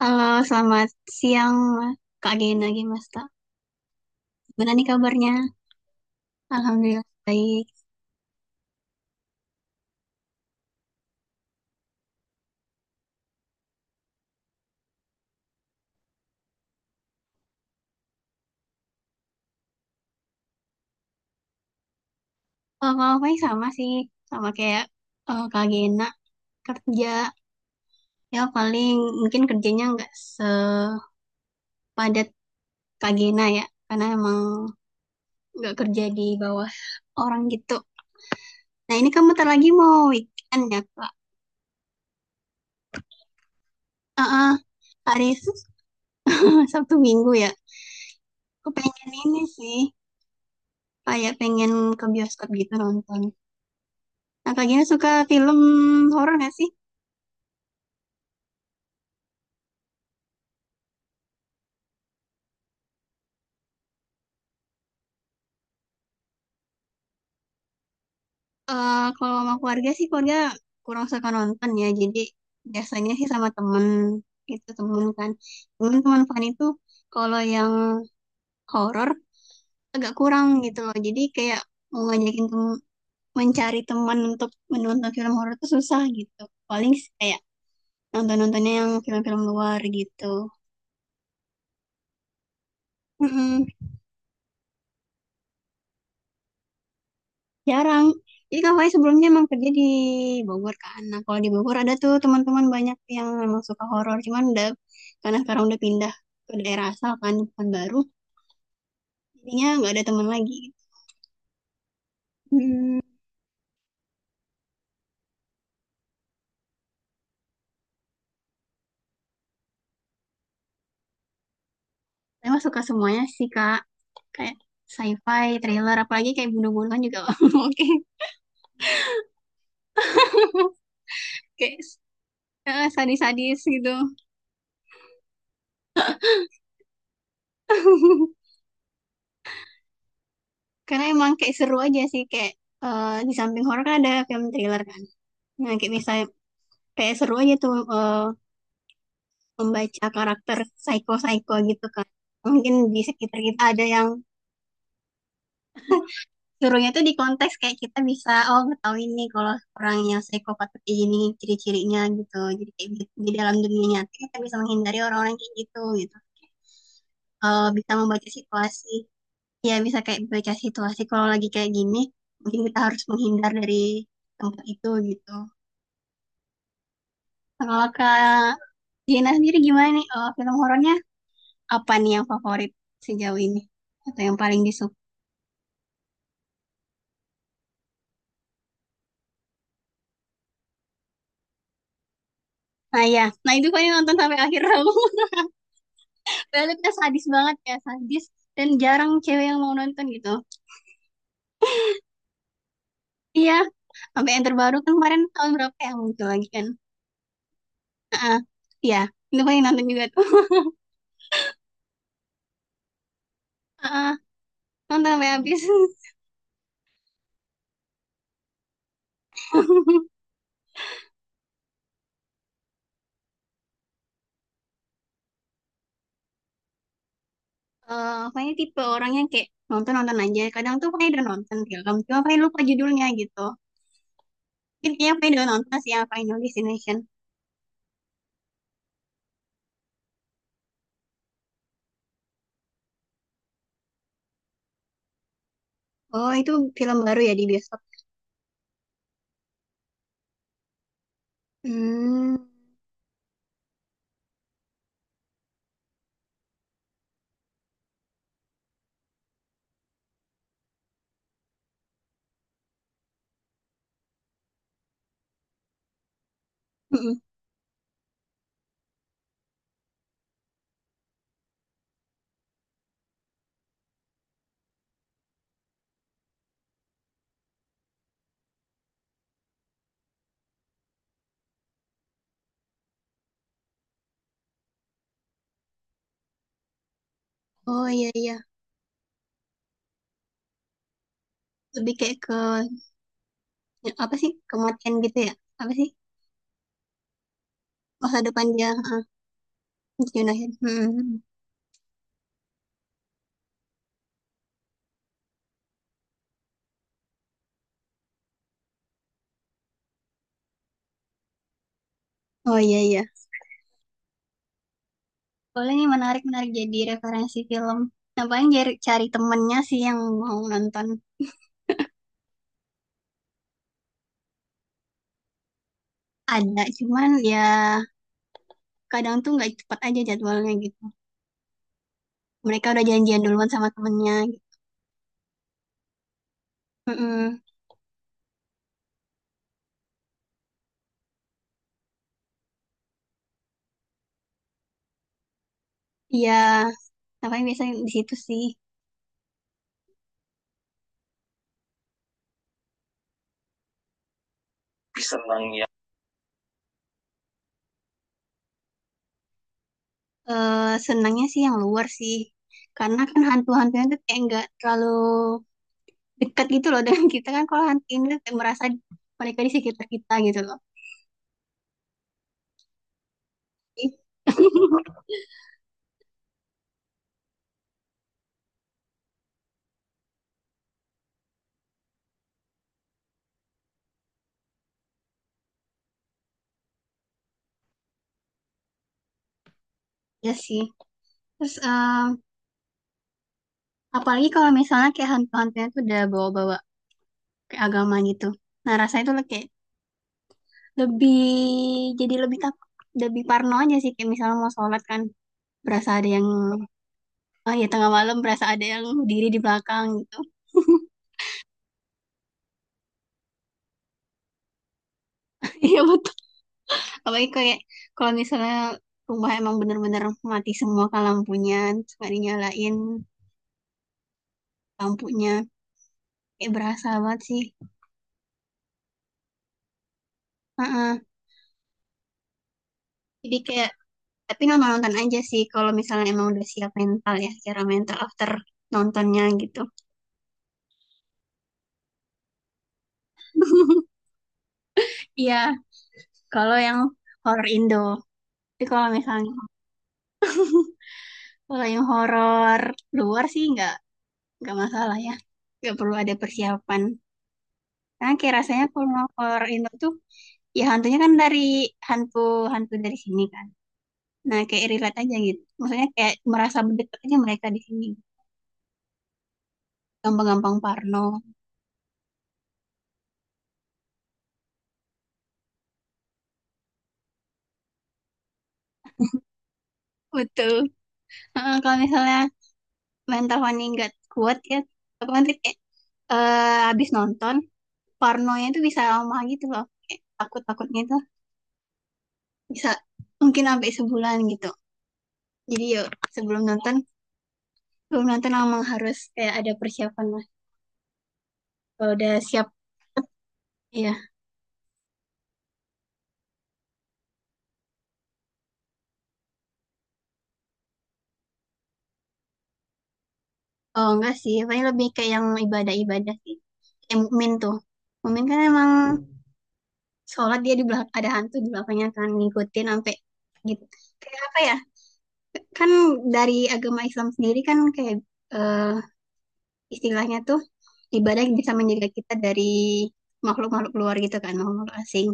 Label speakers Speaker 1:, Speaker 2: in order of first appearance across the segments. Speaker 1: Halo, selamat siang Kak Gena Gimasta. Gimana nih kabarnya? Alhamdulillah baik. Kalau kalau paling sama sih, sama kayak Kak Gena kerja. Ya paling mungkin kerjanya nggak sepadat Kak Gena ya, karena emang nggak kerja di bawah orang gitu. Nah ini kamu bentar lagi mau weekend ya Kak? Eh, eh, hari Sabtu Minggu ya. Aku pengen ini sih, kayak pengen ke bioskop gitu nonton. Nah Kak Gena suka film horor nggak sih? Eh, kalau sama keluarga sih keluarga kurang suka nonton ya. Jadi biasanya sih sama temen itu temen kan. Temen teman Fanny itu kalau yang horor agak kurang gitu loh. Jadi kayak mau mencari teman untuk menonton film horor itu susah gitu. Paling sih kayak nonton-nontonnya yang film-film luar gitu. Jarang. Jadi Kak Fai sebelumnya emang kerja di Bogor kan. Nah, kalau di Bogor ada tuh teman-teman banyak yang emang suka horor. Cuman udah, karena sekarang udah pindah ke daerah asal kan, bukan baru. Jadinya nggak ada teman lagi. Hmm, emang suka semuanya sih, Kak. Kayak sci-fi, thriller, apalagi kayak bunuh-bunuhan juga. Oke. Kayak sadis-sadis gitu. Karena emang kayak seru aja sih. Kayak di samping horor kan ada film thriller kan. Nah, kayak misalnya kayak seru aja tuh membaca karakter psycho-psycho gitu kan. Mungkin di sekitar kita ada yang suruhnya tuh di konteks kayak kita bisa oh ngetahuin nih kalau orang yang psikopat seperti ini ciri-cirinya gitu. Jadi kayak di dalam dunia nyata kita bisa menghindari orang-orang kayak gitu gitu. Eh, bisa membaca situasi. Ya bisa kayak baca situasi kalau lagi kayak gini mungkin kita harus menghindar dari tempat itu gitu. Kalau Kak Gina sendiri gimana nih? Eh, film horornya apa nih yang favorit sejauh ini atau yang paling disuka nah ya nah itu kayaknya nonton sampai akhir aku balutnya sadis banget ya sadis dan jarang cewek yang mau nonton gitu iya sampai yang terbaru kan kemarin tahun berapa yang muncul lagi kan Heeh. Iya itu paling nonton juga tuh Heeh, nonton sampai habis Eh, pokoknya tipe orang yang kayak nonton-nonton aja kadang tuh pokoknya udah nonton film cuma paling lupa judulnya gitu intinya kayaknya pokoknya udah nonton sih yang Final Destination oh itu film baru ya di bioskop. Hmm. Mm-mm. Oh iya iya. Lebih kayak ke apa sih? Kematian gitu ya? Apa sih? Masa depan dia, heeh, Jun Ahyun. Hmm. Oh iya iya. Boleh nih menarik menarik jadi referensi film. Nah paling cari temennya sih yang mau nonton ada. Cuman ya kadang tuh nggak cepat aja jadwalnya gitu. Mereka udah janjian duluan sama temennya. Gitu. Mm-mm. Iya. Nah paling biasanya di situ sih. Senangnya sih yang luar sih. Karena kan hantu-hantunya tuh kayak nggak terlalu dekat gitu loh dengan kita kan kalau hantu ini tuh kayak merasa mereka di sekitar kita gitu loh. ya sih. Terus apalagi kalau misalnya kayak hantu-hantunya tuh udah bawa-bawa kayak agama gitu. Nah, rasanya tuh kayak lebih jadi lebih takut, lebih parno aja sih kayak misalnya mau sholat kan berasa ada yang oh ya tengah malam berasa ada yang berdiri di belakang gitu. Iya betul. Apalagi kayak kalau misalnya rumah emang bener-bener mati semua kan lampunya terus nggak dinyalain lampunya kayak berasa banget sih Heeh. Jadi kayak tapi nonton-nonton aja sih kalau misalnya emang udah siap mental ya secara mental after nontonnya gitu iya kalau yang horor Indo tapi kalau misalnya kalau yang horor luar sih nggak masalah ya nggak perlu ada persiapan. Nah, kayak rasanya kalau horor Indo tuh ya hantunya kan dari hantu-hantu dari sini kan. Nah, kayak relate aja gitu. Maksudnya kayak merasa berdekat aja mereka di sini. Gampang-gampang parno. Betul. Heeh, kalau misalnya mental Fanny nggak kuat ya, otomatis kayak habis nonton, parnonya itu bisa lama gitu loh. Kayak takut-takutnya itu bisa mungkin sampai sebulan gitu. Jadi yuk sebelum nonton, sebelum nonton emang harus kayak ada persiapan lah. Kalau udah siap, ya oh enggak sih, paling lebih kayak yang ibadah-ibadah sih. Kayak mukmin tuh. Mukmin kan emang sholat dia di belakang ada hantu di belakangnya kan ngikutin sampai gitu. Kayak apa ya? Kan dari agama Islam sendiri kan kayak eh, istilahnya tuh ibadah yang bisa menjaga kita dari makhluk-makhluk luar gitu kan, makhluk asing.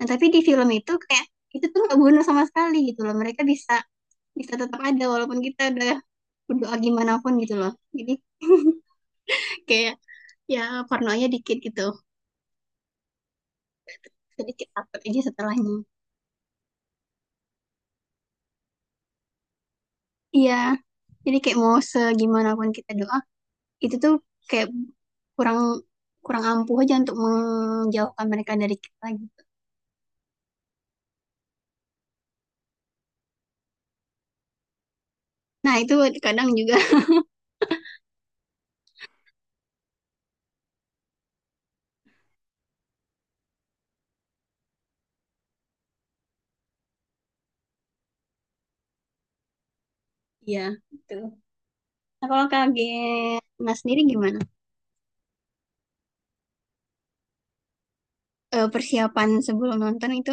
Speaker 1: Nah, tapi di film itu kayak itu tuh nggak guna sama sekali gitu loh. Mereka bisa bisa tetap ada walaupun kita udah berdoa gimana pun gitu loh. Jadi kayak ya pornonya dikit gitu sedikit takut aja setelahnya iya jadi kayak mau segimana pun kita doa itu tuh kayak kurang kurang ampuh aja untuk menjauhkan mereka dari kita gitu nah itu kadang juga iya gitu nah kalau kaget nah sendiri gimana. Eh, persiapan sebelum nonton itu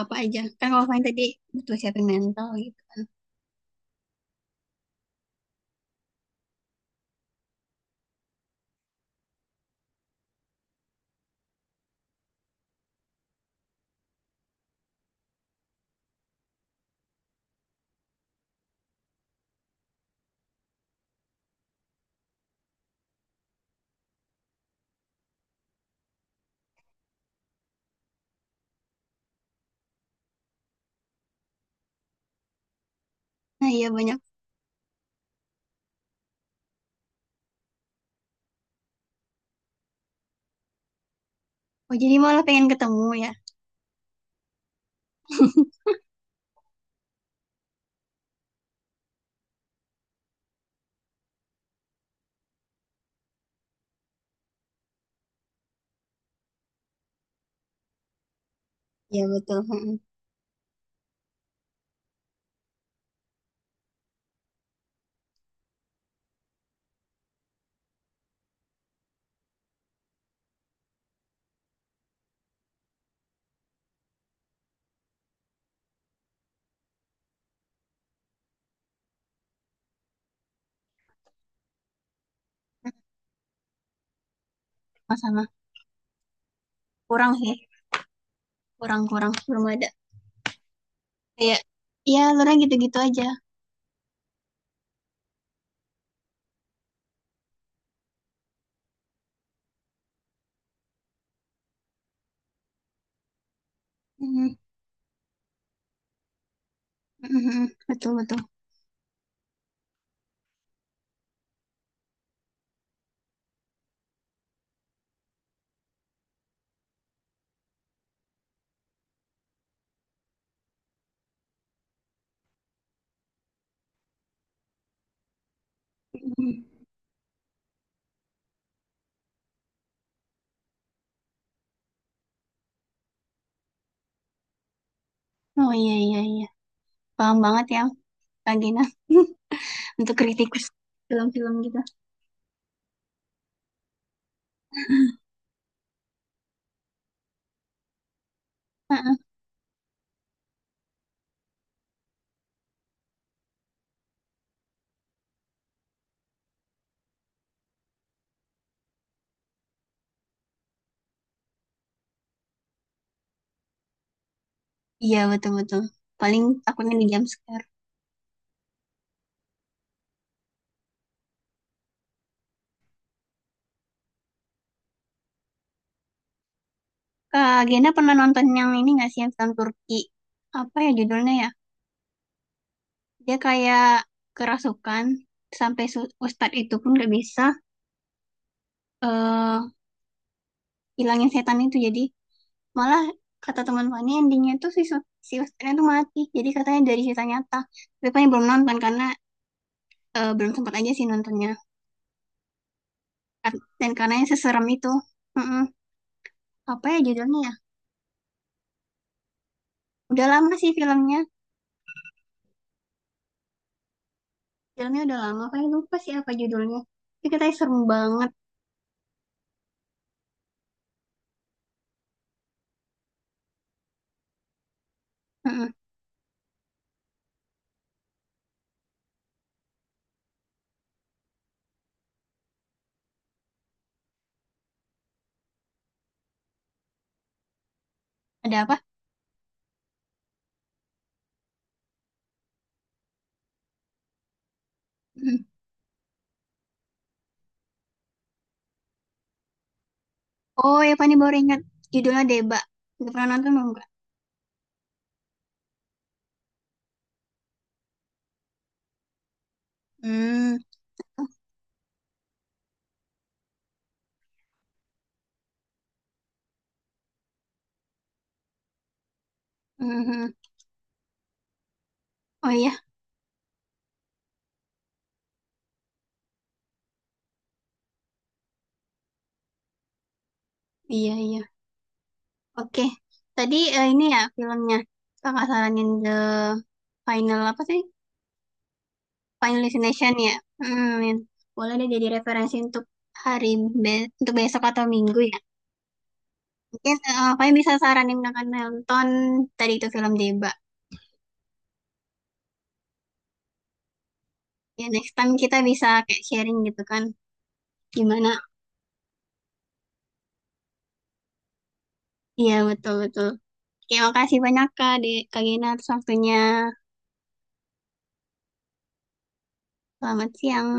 Speaker 1: apa aja kan kalau Fani tadi butuh siapin mental gitu kan nah iya banyak oh jadi malah pengen ketemu ya. Iya betul. Mm-mm. Sama-sama. Kurang sih, kurang-kurang belum ada. Iya. Ya alurnya gitu-gitu aja. Mhm. Mhm. Betul, betul. Mhm. Oh iya, iya, iya. Paham banget ya, Kak Gina. Untuk kritikus film-film gitu. Heeh. Iya, betul, betul. Paling takutnya di jam scare. Kak Gina pernah nonton yang ini nggak sih, yang film Turki? Apa ya judulnya ya? Dia kayak kerasukan, sampai ustadz itu pun nggak bisa eh hilangin setan itu. Jadi malah kata teman Fani endingnya tuh si Westernnya tuh mati. Jadi katanya dari cerita nyata. Tapi Fani belum nonton karena belum sempat aja sih nontonnya. Dan karena yang seserem itu. Mm-mm. Apa ya judulnya ya? Udah lama sih filmnya. Filmnya udah lama. Fani lupa sih apa judulnya. Tapi katanya serem banget. Mm-mm. Ada apa? Mm. Oh ya Fani baru ingat. Judulnya Deba. Udah pernah nonton belum? Kak? Hmm. Mhm. Oh iya. Iya, iya. Oke, tadi ini ya filmnya. Kakak saranin The Final apa sih? Final Destination ya. Hmm, boleh deh jadi referensi untuk hari untuk besok atau minggu ya. Mungkin apa yang bisa saranin akan nonton tadi itu film Deba. Ya next time kita bisa kayak sharing gitu kan. Gimana? Iya betul betul. Oke, makasih banyak Kak, di Kak Gina atas waktunya. Selamat siang.